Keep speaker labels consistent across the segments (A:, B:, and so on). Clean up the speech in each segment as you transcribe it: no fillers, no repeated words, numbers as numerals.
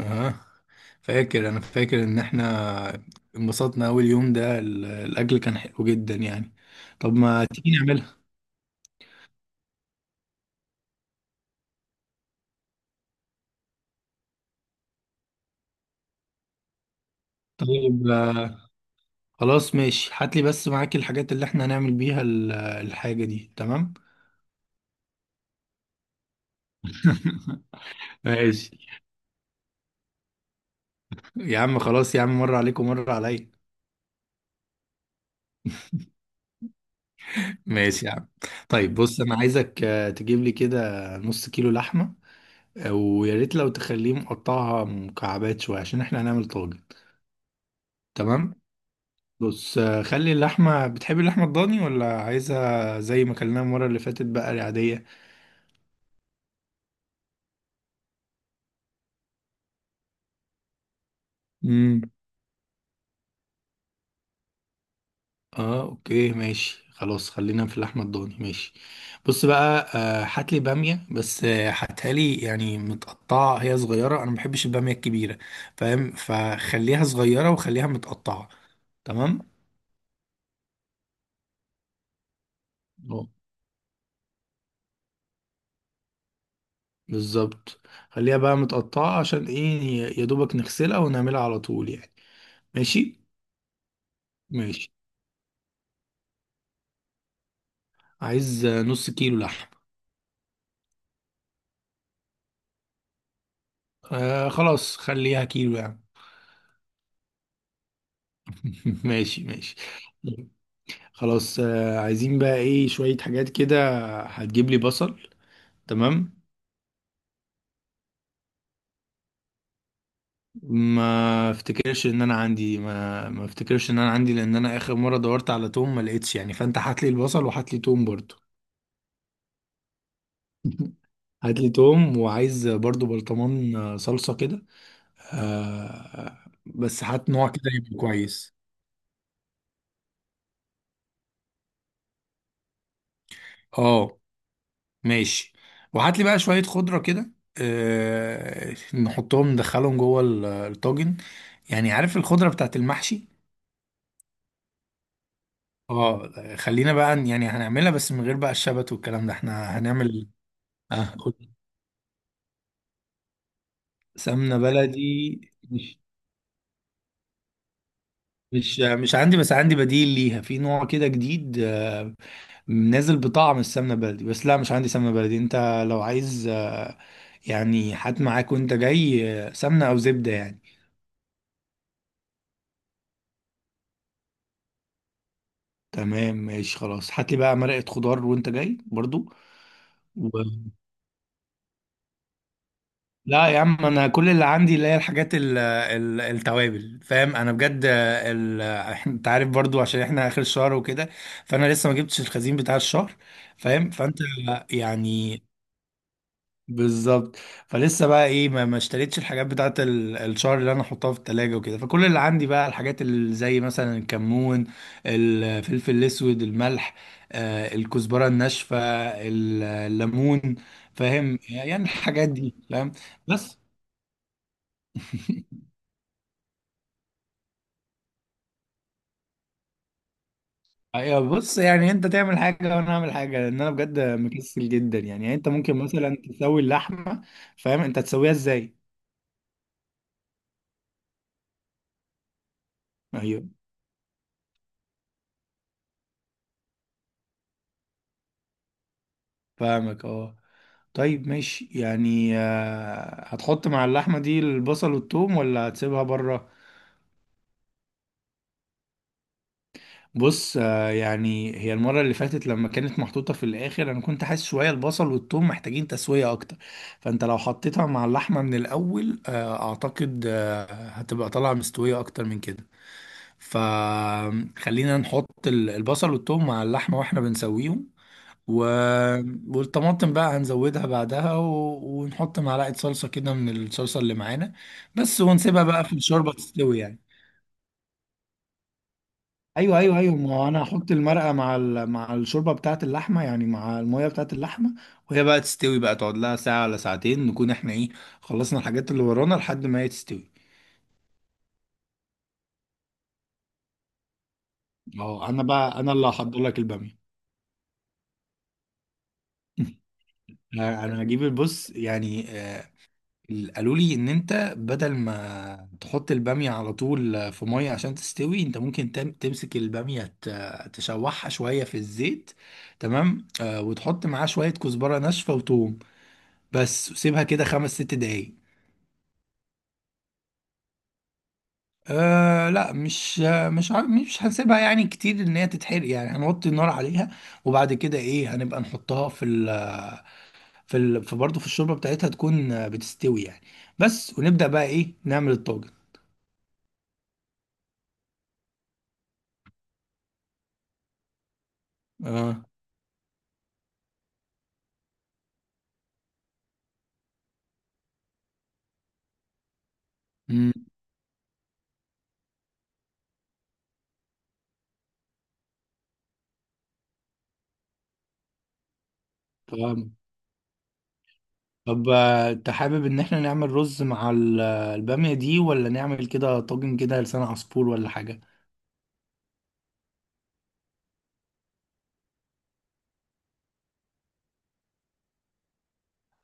A: اه. انا فاكر ان احنا انبسطنا اول يوم ده، الاكل كان حلو جدا يعني. طب ما تيجي نعملها. طيب خلاص ماشي، هات لي بس معاك الحاجات اللي احنا هنعمل بيها الحاجة دي. تمام. ماشي يا عم، خلاص يا عم، مرة عليك ومرة عليا. ماشي يا عم. طيب بص، انا عايزك تجيب لي كده نص كيلو لحمة. ويا ريت لو تخليه مقطعها مكعبات شوية عشان احنا هنعمل طاجن. تمام. بص خلي اللحمة، بتحب اللحمة الضاني ولا عايزها زي ما كلناها المرة اللي فاتت بقى العادية؟ امم. اه اوكي ماشي، خلاص خلينا في اللحمة الضاني، ماشي. بص بقى، هات لي بامية بس، هاتها لي يعني متقطعة، هي صغيرة انا ما بحبش البامية الكبيرة، فاهم؟ فخليها صغيرة وخليها متقطعة. تمام. اه. بالظبط. خليها بقى متقطعة عشان ايه، يا دوبك نغسلها ونعملها على طول يعني. ماشي ماشي. عايز نص كيلو لحم. خلاص خليها كيلو يعني. ماشي ماشي. خلاص عايزين بقى ايه، شوية حاجات كده. هتجيب لي بصل. تمام. ما افتكرش ان انا عندي، ما افتكرش ان انا عندي، لان انا اخر مرة دورت على توم ما لقيتش يعني، فانت هات لي البصل وهات لي توم برضو. هات لي توم، وعايز برضو برطمان صلصة كده، آه بس هات نوع كده يبقى كويس. اه ماشي. وهات لي بقى شوية خضرة كده، نحطهم ندخلهم جوه الطاجن، يعني عارف الخضرة بتاعت المحشي. اه خلينا بقى، يعني هنعملها بس من غير بقى الشبت والكلام ده، احنا هنعمل. قول. سمنة بلدي؟ مش مش عندي، بس عندي بديل ليها في نوع كده جديد، نازل بطعم السمنة بلدي، بس لا مش عندي سمنة بلدي انت. لو عايز يعني هات معاك وانت جاي سمنة او زبدة يعني. تمام ماشي. خلاص هات لي بقى مرقة خضار وانت جاي برضو. و... لا يا عم، انا كل اللي عندي اللي هي الحاجات، التوابل، فاهم؟ انا بجد انت عارف برضو عشان احنا اخر الشهر وكده، فانا لسه ما جبتش الخزين بتاع الشهر، فاهم؟ فانت يعني. بالظبط. فلسه بقى ايه، ما اشتريتش الحاجات بتاعت الشهر اللي انا احطها في التلاجة وكده، فكل اللي عندي بقى الحاجات اللي زي مثلا الكمون، الفلفل الاسود، الملح، الكزبرة الناشفة، الليمون، فاهم يعني الحاجات دي، فاهم؟ بس. ايوه بص، يعني انت تعمل حاجة وانا اعمل حاجة، لان انا بجد مكسل جدا يعني انت ممكن مثلا تسوي اللحمة، فاهم؟ انت تسويها ازاي؟ ايوه فاهمك اه. طيب ماشي يعني، هتحط مع اللحمة دي البصل والثوم ولا هتسيبها بره؟ بص يعني هي المرة اللي فاتت لما كانت محطوطة في الآخر، أنا كنت حاسس شوية البصل والثوم محتاجين تسوية أكتر. فأنت لو حطيتها مع اللحمة من الأول، أعتقد هتبقى طالعة مستوية أكتر من كده. فخلينا نحط البصل والثوم مع اللحمة وإحنا بنسويهم. و- والطماطم بقى هنزودها بعدها، ونحط معلقة صلصة كده من الصلصة اللي معانا بس، ونسيبها بقى في الشوربة تستوي يعني. ايوه ايوه ايوه، ما هو انا هحط المرقه مع مع الشوربه بتاعه اللحمه، يعني مع الميه بتاعه اللحمه، وهي بقى تستوي، بقى تقعد لها ساعه ولا ساعتين، نكون احنا ايه، خلصنا الحاجات اللي ورانا لحد ما هي تستوي. اه. انا بقى انا اللي هحضر لك الباميه. انا هجيب البص يعني، قالوا لي ان انت بدل ما تحط البامية على طول في مية عشان تستوي، انت ممكن تمسك البامية تشوحها شوية في الزيت. تمام. وتحط معاه شوية كزبرة ناشفة وتوم بس، وسيبها كده 5 6 دقايق. لا مش، مش هنسيبها يعني كتير ان هي تتحرق يعني، هنوطي النار عليها. وبعد كده ايه، هنبقى نحطها في ال في ال في برضه في الشوربة بتاعتها، تكون بتستوي يعني. بس، ونبدأ بقى ايه نعمل الطاجن. اه. امم. طب انت حابب ان احنا نعمل رز مع البامية دي ولا نعمل كده طاجن كده لسان عصفور ولا حاجة؟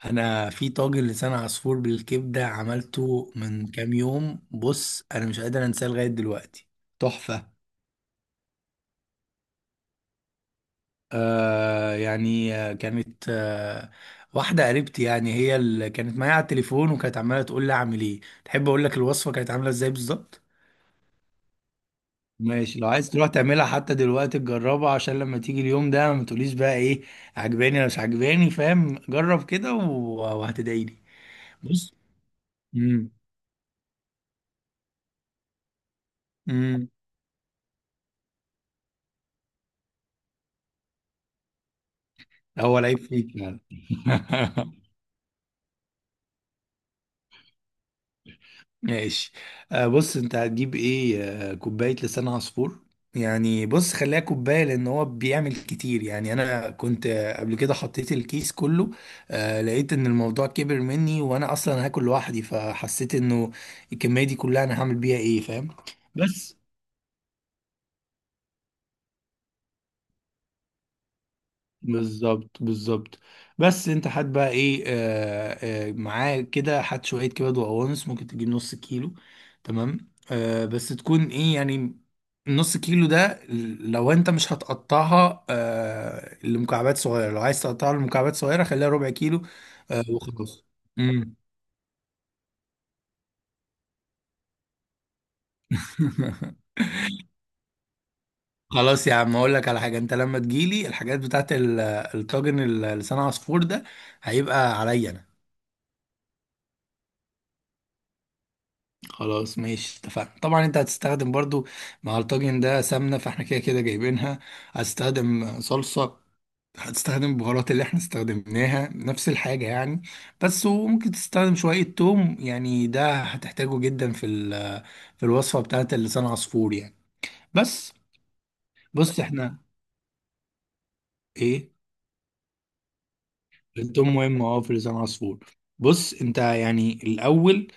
A: انا في طاجن لسان عصفور بالكبدة عملته من كام يوم، بص انا مش قادر انساه لغاية دلوقتي، تحفة. يعني كانت واحدة قريبتي، يعني هي اللي كانت معايا على التليفون، وكانت عمالة تقول لي اعمل ايه، تحب اقول لك الوصفة كانت عاملة ازاي بالظبط؟ ماشي لو عايز تروح تعملها حتى دلوقتي تجربها، عشان لما تيجي اليوم ده ما تقوليش بقى ايه عجباني ولا مش عجباني، فاهم؟ جرب كده وهتدعيلي. بص. امم امم هو لعيب فيك يعني. ماشي. بص، انت هتجيب ايه، كوباية لسان عصفور. يعني بص، خليها كوباية لان هو بيعمل كتير يعني، انا كنت قبل كده حطيت الكيس كله، لقيت ان الموضوع كبر مني وانا اصلا هاكل لوحدي، فحسيت انه الكمية دي كلها انا هعمل بيها ايه، فاهم؟ بس. بالظبط بالظبط. بس انت هات بقى ايه، معاه كده هات شويه كبد وقوانص، ممكن تجيب نص كيلو. تمام. بس تكون ايه يعني، نص كيلو ده لو انت مش هتقطعها لمكعبات صغيره، لو عايز تقطعها لمكعبات صغيره خليها ربع كيلو. وخلاص. مم. خلاص يا عم، اقول لك على حاجه، انت لما تجيلي الحاجات بتاعت الطاجن لسان عصفور ده، هيبقى عليا انا. خلاص ماشي اتفقنا. طبعا انت هتستخدم برضو مع الطاجن ده سمنة، فاحنا كده كده جايبينها. هتستخدم صلصة، هتستخدم البهارات اللي احنا استخدمناها، نفس الحاجة يعني. بس وممكن تستخدم شوية توم، يعني ده هتحتاجه جدا في في الوصفة بتاعت اللسان عصفور يعني. بس. بص احنا ايه، التوم مهم اه في لسان عصفور. بص انت يعني الاول،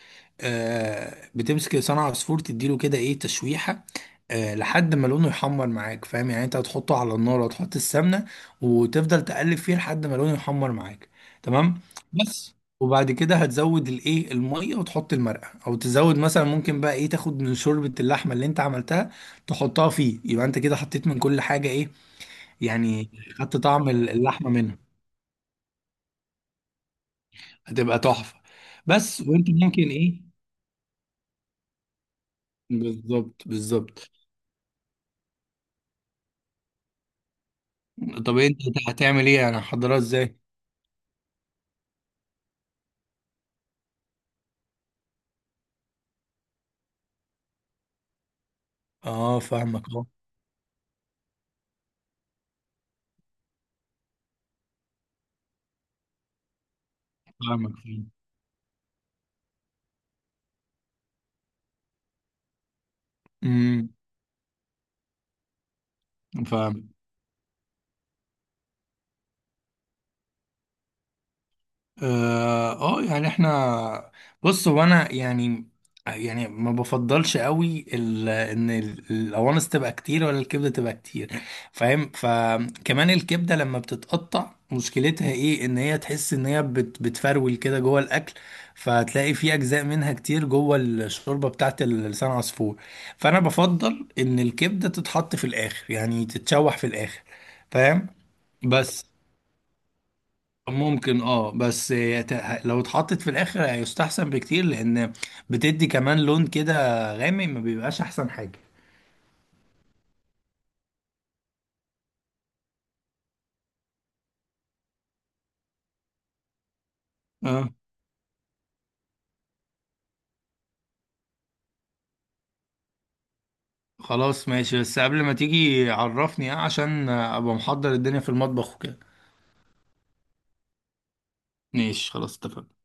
A: بتمسك لسان عصفور تديله كده ايه، تشويحة، لحد ما لونه يحمر معاك، فاهم؟ يعني انت هتحطه على النار وتحط السمنه، وتفضل تقلب فيه لحد ما لونه يحمر معاك. تمام. بس وبعد كده هتزود الايه، الميه، وتحط المرقه، او تزود مثلا ممكن بقى ايه، تاخد من شوربه اللحمه اللي انت عملتها تحطها فيه، يبقى انت كده حطيت من كل حاجه ايه يعني، خدت طعم اللحمه منها، هتبقى تحفه. بس. وانت ممكن ايه، بالظبط بالظبط. طب انت هتعمل ايه يعني، هحضرها ازاي؟ اه فاهمك. اه فاهمك. امم فاهم. اه. يعني احنا، بص هو انا يعني، ما بفضلش قوي ان القوانص تبقى كتير ولا الكبده تبقى كتير، فاهم؟ فكمان الكبده لما بتتقطع مشكلتها ايه، ان هي تحس ان هي بتفرول كده جوه الاكل، فهتلاقي في اجزاء منها كتير جوه الشوربه بتاعت لسان عصفور، فانا بفضل ان الكبده تتحط في الاخر، يعني تتشوح في الاخر. فاهم؟ بس. ممكن اه، بس لو اتحطت في الاخر هيستحسن بكتير، لان بتدي كمان لون كده غامق، ما بيبقاش احسن حاجة. اه خلاص ماشي، بس قبل ما تيجي عرفني عشان ابقى محضر الدنيا في المطبخ وكده. ماشي خلاص اتفقنا.